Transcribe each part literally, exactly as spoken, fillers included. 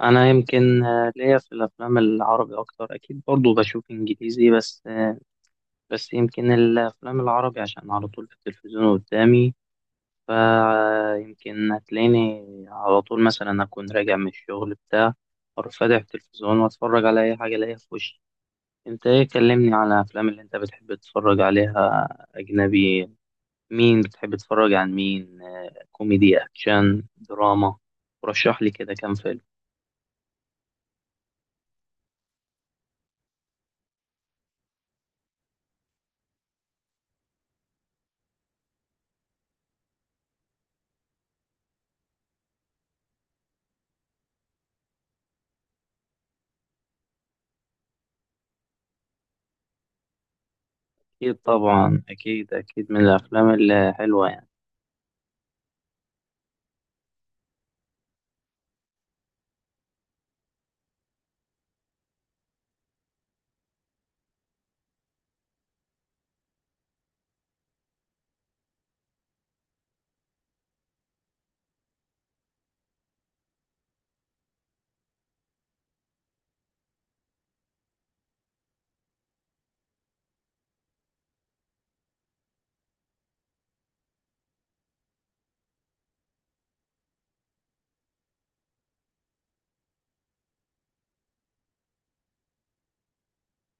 انا يمكن آه، ليا في الافلام العربي اكتر. اكيد برضو بشوف انجليزي، بس آه، بس يمكن الافلام العربي عشان على طول في التلفزيون قدامي. فيمكن هتلاقيني على طول مثلا اكون راجع من الشغل بتاع، اروح فاتح التلفزيون واتفرج على اي حاجه الاقيها في وشي. انت ايه، كلمني على الافلام اللي انت بتحب تتفرج عليها اجنبي. مين بتحب تتفرج عن مين؟ آه، كوميدي، اكشن، دراما؟ رشح لي كده كام فيلم. أكيد طبعا، أكيد أكيد من الأفلام الحلوة يعني.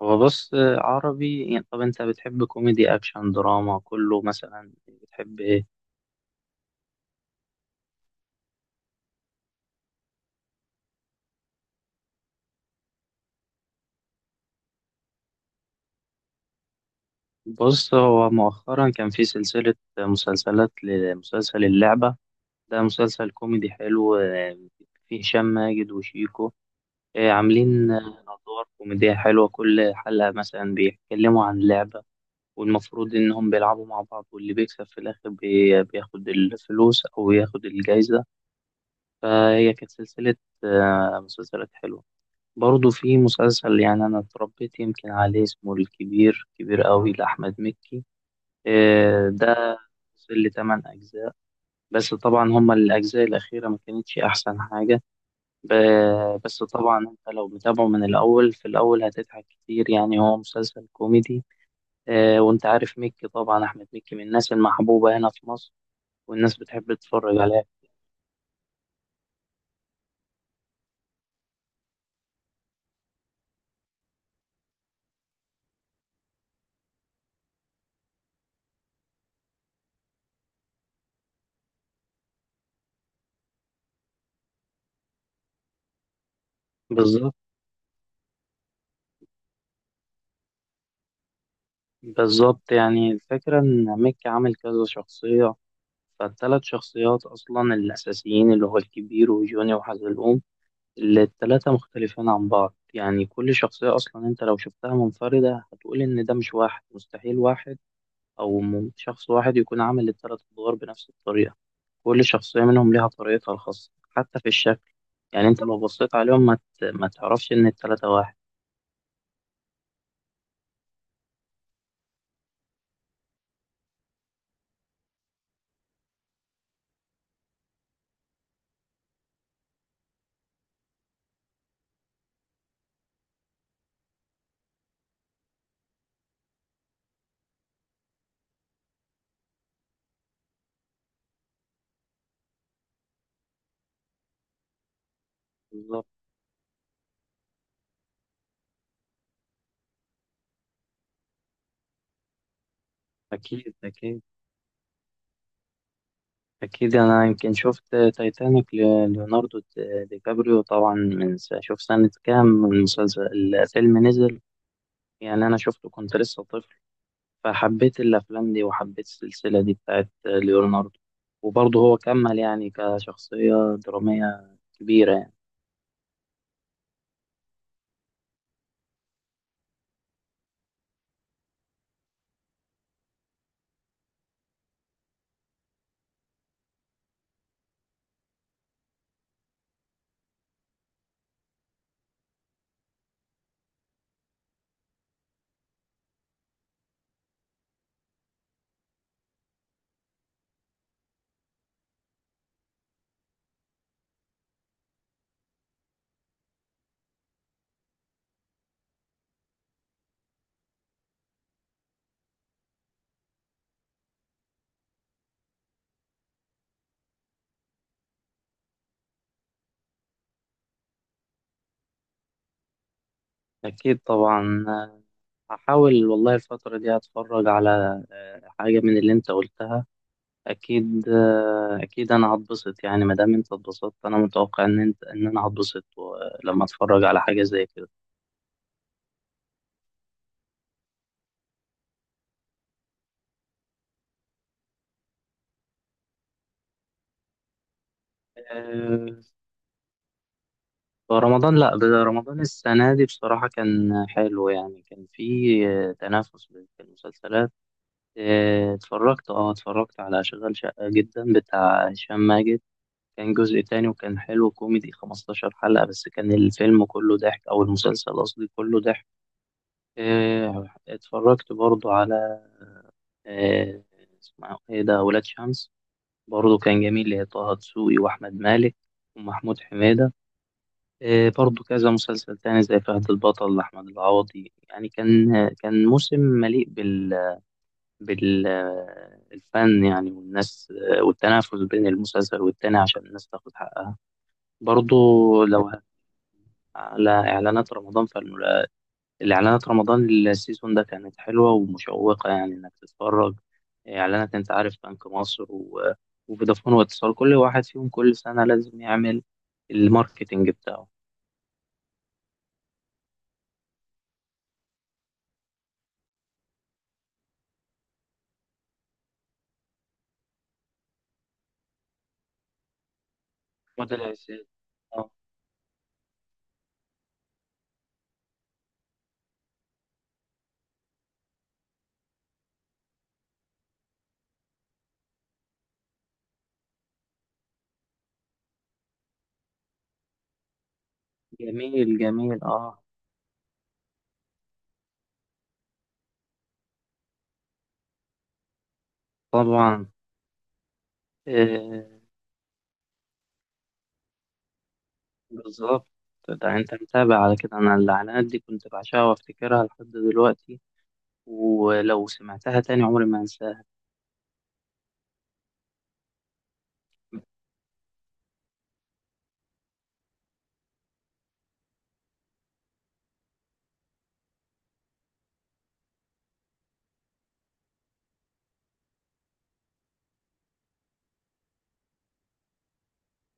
هو بص، آه، عربي يعني، طب أنت بتحب كوميدي، أكشن، دراما، كله، مثلا بتحب إيه؟ بص، هو مؤخرا كان في سلسلة مسلسلات لمسلسل اللعبة. ده مسلسل كوميدي حلو، آه، فيه هشام ماجد وشيكو. آه، عاملين آه، أدوار كوميدية حلوة، كل حلقة مثلا بيتكلموا عن لعبة، والمفروض إنهم بيلعبوا مع بعض، واللي بيكسب في الآخر بي- بياخد الفلوس أو ياخد الجايزة. فهي كانت سلسلة آه، مسلسلات حلوة. برضه في مسلسل، يعني أنا اتربيت يمكن عليه، اسمه الكبير كبير أوي لأحمد مكي. آه، ده وصل لتمن أجزاء، بس طبعا هما الأجزاء الأخيرة ما كانتش أحسن حاجة. ب- بس طبعا أنت لو متابعه من الأول، في الأول هتضحك كتير، يعني هو مسلسل كوميدي. آه، وأنت عارف مكي طبعا، أحمد مكي من الناس المحبوبة هنا في مصر، والناس بتحب تتفرج عليه. بالظبط. بالظبط، يعني الفكرة إن ميك عامل كذا شخصية. فالتلات شخصيات أصلا الأساسيين اللي هو الكبير وجوني وحزلقوم، اللي التلاتة مختلفين عن بعض. يعني كل شخصية أصلا أنت لو شفتها منفردة هتقول إن ده مش واحد، مستحيل واحد أو م- شخص واحد يكون عامل التلات أدوار بنفس الطريقة. كل شخصية منهم ليها طريقتها الخاصة حتى في الشكل. يعني أنت لو بصيت عليهم ما ت- ما تعرفش إن التلاتة واحد. بالظبط. أكيد أكيد. أكيد أنا يمكن شفت تايتانيك ليوناردو دي دي كابريو طبعا، من س- شوف سنة كام المسلسل، الفيلم نزل. يعني أنا شفته كنت لسه طفل، فحبيت الأفلام دي وحبيت السلسلة دي بتاعت ليوناردو. وبرضه هو كمل يعني كشخصية درامية كبيرة يعني. أكيد طبعا. هحاول والله الفترة دي أتفرج على آه، حاجة من اللي أنت قلتها. اكيد، آه، اكيد انا هتبسط، يعني ما دام انت اتبسطت انا متوقع ان انت ان انا هتبسط و- لما اتفرج على حاجه زي كده. آه، رمضان لا، ب- رمضان السنه دي بصراحه كان حلو، يعني كان في آه، تنافس بين المسلسلات. آه، اتفرجت، اه اتفرجت على شغال شقه جدا بتاع هشام ماجد. كان جزء تاني وكان حلو كوميدي، خمستاشر حلقه بس، كان الفيلم كله ضحك، او المسلسل قصدي كله ضحك. آه، اتفرجت برضو على آه، اسمه ايه ده، ولاد شمس. برضه كان جميل، اللي هي طه دسوقي واحمد مالك ومحمود حميدة. آه، برضه كذا مسلسل تاني زي فهد البطل لأحمد العوضي. يعني كان آه، كان موسم مليء بال بالفن يعني، والناس، آه، والتنافس بين المسلسل والتاني عشان الناس تاخد حقها. برضه لو على إعلانات رمضان، فالملازمة الإعلانات رمضان السيزون ده كانت حلوة ومشوقة يعني إنك تتفرج. إعلانات، أنت عارف، بنك مصر و- وفودافون واتصال، كل واحد فيهم كل سنة لازم يعمل الماركتينج بتاعه. وده الأساس. آه، جميل جميل. آه طبعا. آه بالظبط. ده أنت متابع على كده؟ أنا الإعلانات دي كنت بعشقها وأفتكرها لحد دلوقتي، ولو سمعتها تاني عمري ما أنساها.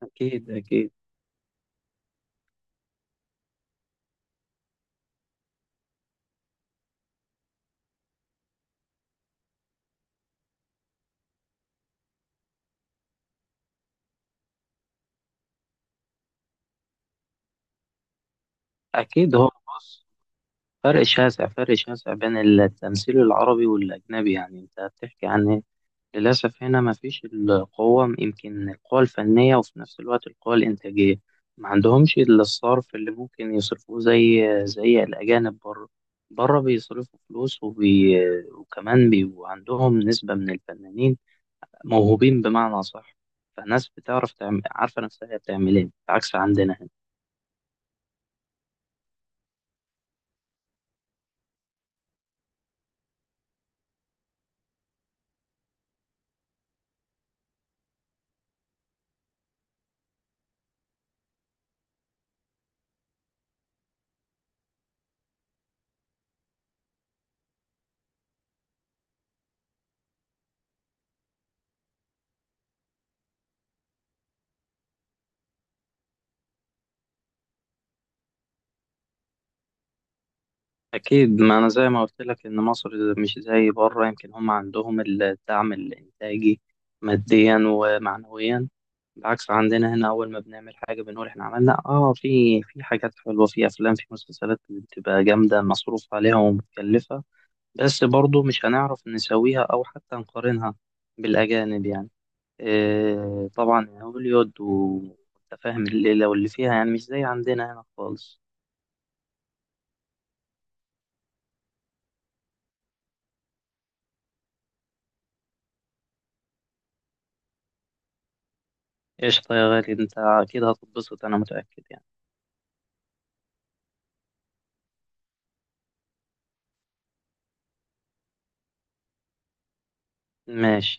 أكيد أكيد. أكيد، هو بص، فرق شاسع، فرق شاسع بين التمثيل العربي والأجنبي. يعني أنت بتحكي عن إيه؟ للأسف هنا مفيش القوة، يمكن القوة الفنية وفي نفس الوقت القوة الإنتاجية. ما عندهمش إلا الصرف اللي ممكن يصرفوه زي زي الأجانب بره. بره بيصرفوا فلوس وبي... وكمان بيبقوا عندهم نسبة من الفنانين موهوبين بمعنى صح. فالناس بتعرف تعمل، عارفة نفسها هي بتعمل إيه، عكس عندنا هنا. أكيد، ما أنا زي ما قلت لك إن مصر مش زي بره، يمكن هم عندهم الدعم الإنتاجي ماديا ومعنويا. بالعكس عندنا هنا أول ما بنعمل حاجة بنقول إحنا عملنا، آه في في حاجات حلوة، في أفلام، في مسلسلات بتبقى جامدة مصروف عليها ومتكلفة، بس برضو مش هنعرف نسويها أو حتى نقارنها بالأجانب يعني. إيه طبعا، هوليود وأنت فاهم الليلة واللي فيها، يعني مش زي عندنا هنا خالص. قشطة يا غالي، انت اكيد هتتبسط، انا متأكد يعني. ماشي